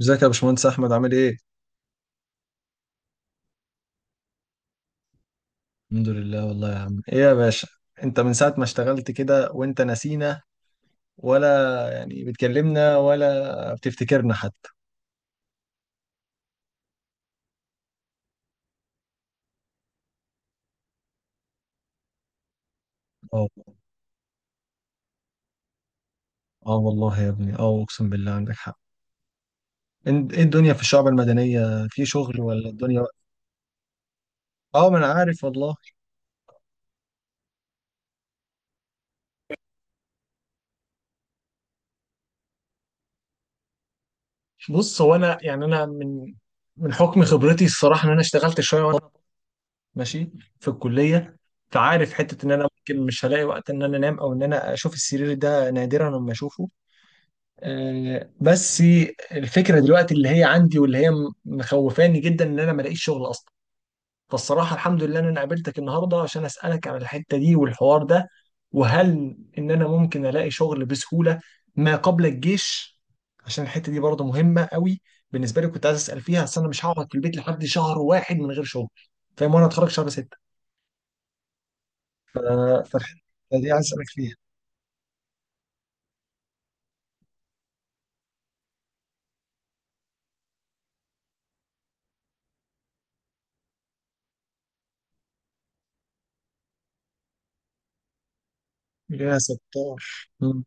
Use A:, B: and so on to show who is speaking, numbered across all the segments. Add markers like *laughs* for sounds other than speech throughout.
A: ازيك يا باشمهندس احمد، عامل ايه؟ الحمد لله والله يا عم، ايه يا باشا؟ انت من ساعة ما اشتغلت كده وانت نسينا، ولا يعني بتكلمنا، ولا بتفتكرنا حتى؟ اه اه والله يا ابني، اه اقسم بالله عندك حق. ايه الدنيا في الشعب المدنية، في شغل ولا الدنيا؟ اه ما انا عارف والله. بص، هو انا يعني انا من حكم خبرتي، الصراحه ان انا اشتغلت شويه وانا ماشي في الكليه، فعارف حته ان انا ممكن مش هلاقي وقت ان انا انام او ان انا اشوف السرير، ده نادرا لما اشوفه. بس الفكره دلوقتي اللي هي عندي، واللي هي مخوفاني جدا، ان انا ما الاقيش شغل اصلا. فالصراحه الحمد لله ان انا قابلتك النهارده، عشان اسالك على الحته دي والحوار ده. وهل ان انا ممكن الاقي شغل بسهوله ما قبل الجيش؟ عشان الحته دي برضه مهمه قوي بالنسبه لي، كنت عايز اسال فيها، اصل انا مش هقعد في البيت لحد شهر واحد من غير شغل، فاهم. وانا اتخرج شهر 6. فالحته دي عايز اسالك فيها. يا ستار. مم.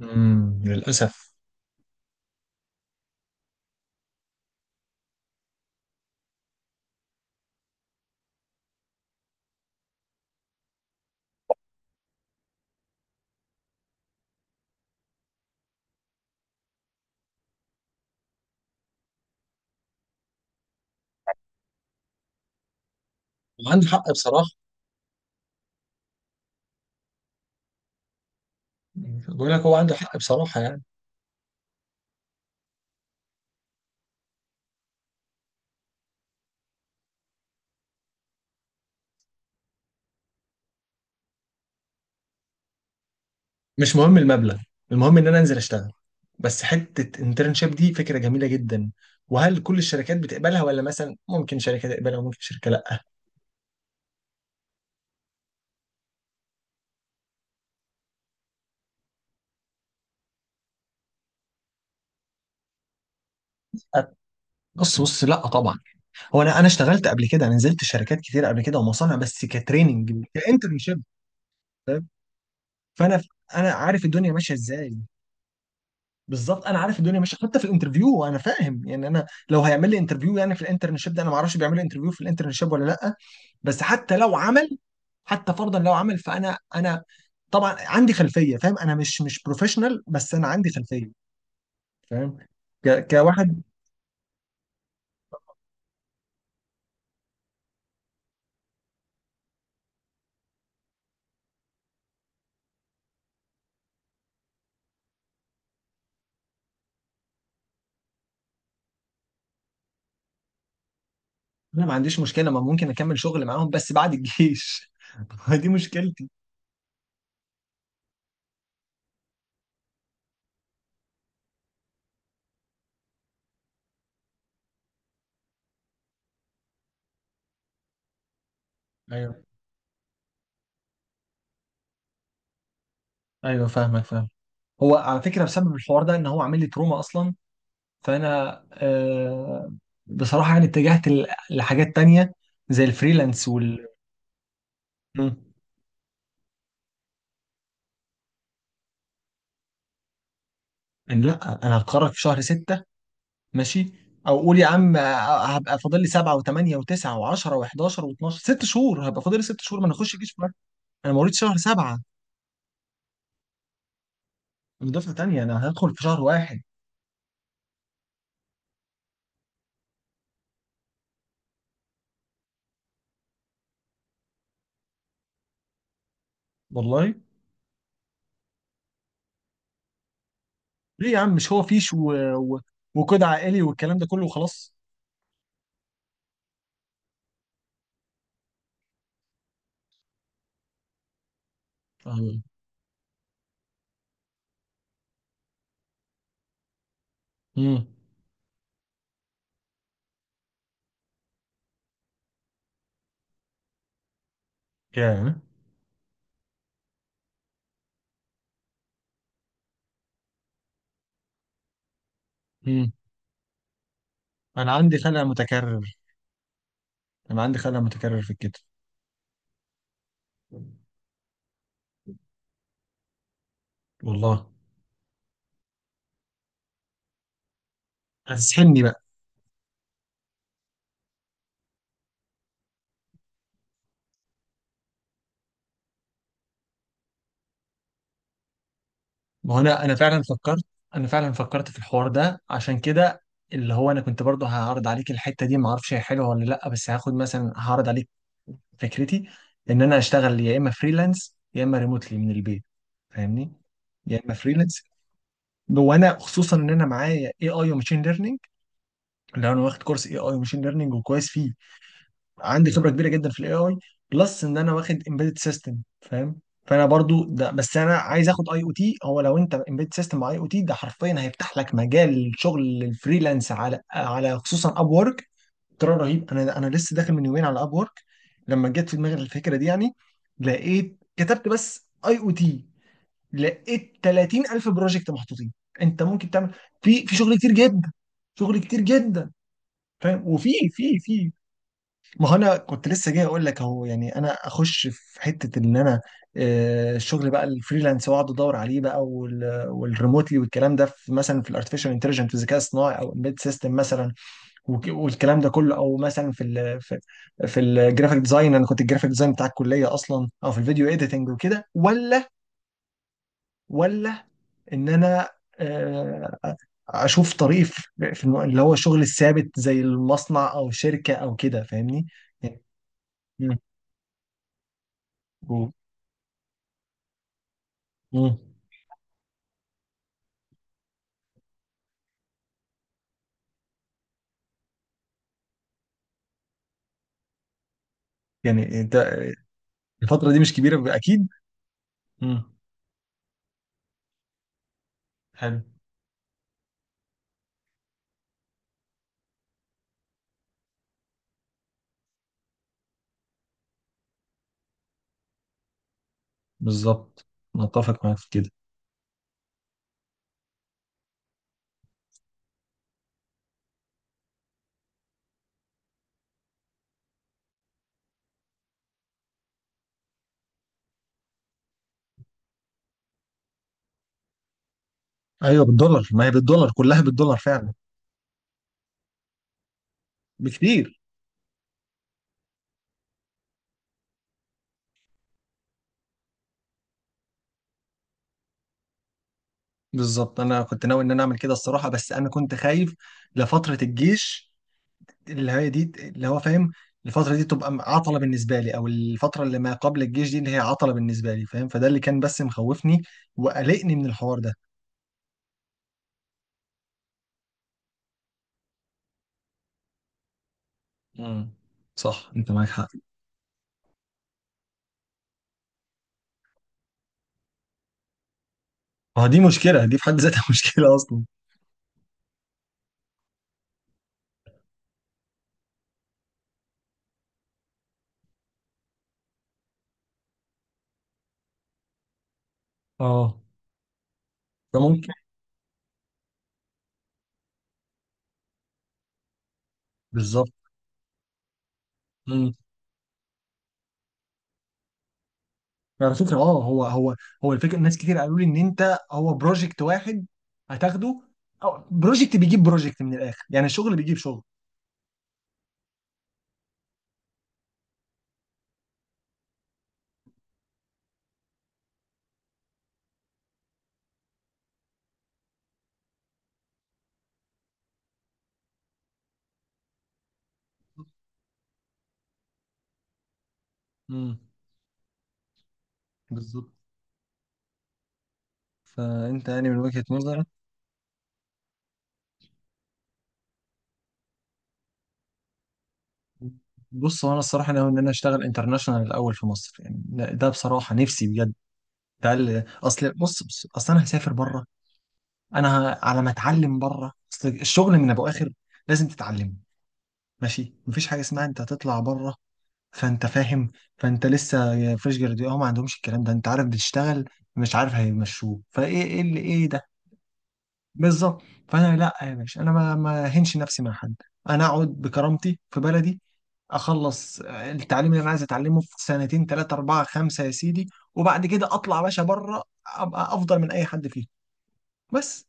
A: مم، للأسف. وعندي حق بصراحة. بقول لك هو عنده حق بصراحة يعني. مش مهم المبلغ، المهم ان انا انزل اشتغل. بس حتة انترنشيب دي فكرة جميلة جدا. وهل كل الشركات بتقبلها، ولا مثلا ممكن شركة تقبلها وممكن شركة لا؟ أ- بص بص، لا طبعا. هو انا اشتغلت قبل كده، انا نزلت شركات كتير قبل كده ومصانع، بس كتريننج كانترنشيب، فاهم. فانا عارف الدنيا ماشية ازاي. بالظبط، انا عارف الدنيا ماشيه، حتى في الانترفيو انا فاهم يعني. انا لو هيعمل لي انترفيو يعني في الانترنشيب ده، انا ما اعرفش بيعمل لي انترفيو في الانترنشيب ولا لا. بس حتى لو عمل، حتى فرضا لو عمل، فانا طبعا عندي خلفيه فاهم. انا مش بروفيشنال، بس انا عندي خلفيه، فاهم. كواحد. انا ما عنديش مشكله، ما ممكن اكمل شغل معاهم بس بعد الجيش. *laughs* دي مشكلتي. ايوه ايوه، فاهمك فاهم. هو على فكره بسبب الحوار ده ان هو عامل لي تروما اصلا. فانا بصراحه يعني اتجهت لحاجات تانية، زي الفريلانس وال. مم. إن لا، انا هتخرج في شهر 6، ماشي، او قول يا عم، هبقى فاضل لي 7 و8 و9 و10 و11 و12، 6 شهور. هبقى فاضل لي 6 شهور، ما انا اخش جيش بقى. انا مواليد شهر 7، من دفعه ثانيه، انا هدخل في شهر واحد، والله. ليه يا عم؟ مش هو فيش و... وقيد عائلي والكلام ده كله وخلاص. امم يا امم انا عندي خلع متكرر، انا عندي خلع متكرر في الكتف، والله. هتسحلني بقى. ما هو انا فعلا فكرت في الحوار ده عشان كده. اللي هو انا كنت برضه هعرض عليك الحته دي، ما اعرفش هي حلوه ولا لا، بس هاخد مثلا، هعرض عليك فكرتي ان انا اشتغل يا اما فريلانس يا اما ريموتلي من البيت، فاهمني؟ يا اما فريلانس. وانا خصوصا ان انا معايا اي اي وماشين ليرنينج، لو انا واخد كورس اي اي وماشين ليرنينج وكويس فيه، عندي خبره كبيره جدا في الاي اي. بلس ان انا واخد امبيدد سيستم، فاهم. فانا برضو ده، بس انا عايز اخد اي او تي. هو لو انت امبيدد سيستم مع اي او تي، ده حرفيا هيفتح لك مجال شغل الفريلانس على خصوصا اب وورك. ترى رهيب. انا لسه داخل من يومين على اب وورك لما جت في دماغي الفكره دي يعني. لقيت كتبت بس اي او تي، لقيت 30,000 بروجكت محطوطين. انت ممكن تعمل في شغل كتير جدا، شغل كتير جدا، فاهم. وفي في في ما هو انا كنت لسه جاي اقول لك اهو يعني. انا اخش في حته ان انا الشغل بقى، الفريلانس، واقعد ادور عليه بقى، والريموتلي والكلام ده، في مثلا في الارتفيشال انتليجنت، في الذكاء الصناعي، او امبيد سيستم مثلا، والكلام ده كله، او مثلا في الجرافيك ديزاين. انا كنت الجرافيك ديزاين بتاع الكليه اصلا، او في الفيديو ايديتنج وكده، ولا ان انا آه، اشوف طريق في في اللي هو الشغل الثابت زي المصنع او شركه او كده، فاهمني؟ يعني- مم. مم. يعني انت، الفترة دي مش كبيرة اكيد. مم. حلو. بالظبط، متفق معاك في كده. ايوه بالدولار، ما هي بالدولار، كلها بالدولار فعلا. بكتير. بالظبط، انا كنت ناوي ان انا اعمل كده الصراحه، بس انا كنت خايف لفتره الجيش، اللي هي دي، اللي هو فاهم، الفتره دي تبقى عطله بالنسبه لي، او الفتره اللي ما قبل الجيش دي اللي هي عطله بالنسبه لي، فاهم. فده اللي كان بس مخوفني وقلقني من الحوار ده. امم صح، انت معاك حق. ما هو دي مشكله، دي في حد ذاتها *laughs* مشكله اصلا. اه بالظبط. مم. على فكره، اه هو الفكره، ناس كتير قالوا لي ان انت، هو بروجكت واحد هتاخده، او بروجكت بيجيب بروجكت من الاخر، يعني الشغل بيجيب شغل. امم. بالظبط. فانت يعني من وجهه نظرك. بص هو انا الصراحه ناوي ان انا اشتغل انترناشونال الاول في مصر، يعني ده بصراحه نفسي بجد. اصل بص بص، اصل انا هسافر بره. انا على ما اتعلم بره، اصل الشغل من ابو اخر لازم تتعلم ماشي، مفيش حاجه اسمها انت هتطلع بره، فانت فاهم. فانت لسه فريش جراديوت، اه ما عندهمش الكلام ده، انت عارف بتشتغل، مش عارف هيمشوه فايه، ايه اللي ايه ده. بالظبط. فانا لا يا باشا، انا ما هنش نفسي مع حد. انا اقعد بكرامتي في بلدي، اخلص التعليم اللي انا عايز اتعلمه في سنتين 3 4 5 يا سيدي، وبعد كده اطلع يا باشا بره، ابقى افضل من اي حد فيهم، بس.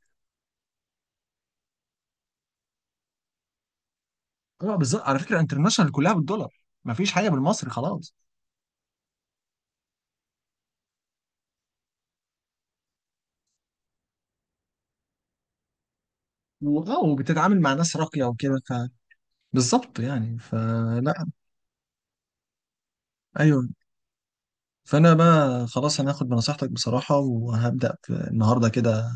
A: اه بالظبط، على فكره انترناشونال كلها بالدولار، ما فيش حاجه بالمصري خلاص. واه، وبتتعامل مع ناس راقيه وكده. فبالظبط يعني، فلا. ايوه. فانا بقى خلاص، انا هاخد بنصيحتك بصراحه، وهبدا في النهارده كده،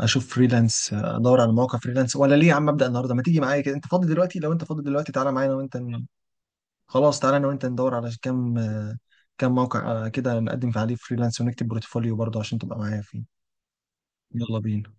A: اشوف فريلانس، ادور على مواقع فريلانس. ولا ليه يا عم، ابدا النهارده، ما تيجي معايا كده؟ انت فاضي دلوقتي؟ لو انت فاضي دلوقتي تعالى معانا، وانت خلاص تعالى، انا وانت ندور على كام موقع، كده نقدم في عليه فريلانس، ونكتب بورتفوليو برضه عشان تبقى معايا فيه. يلا بينا.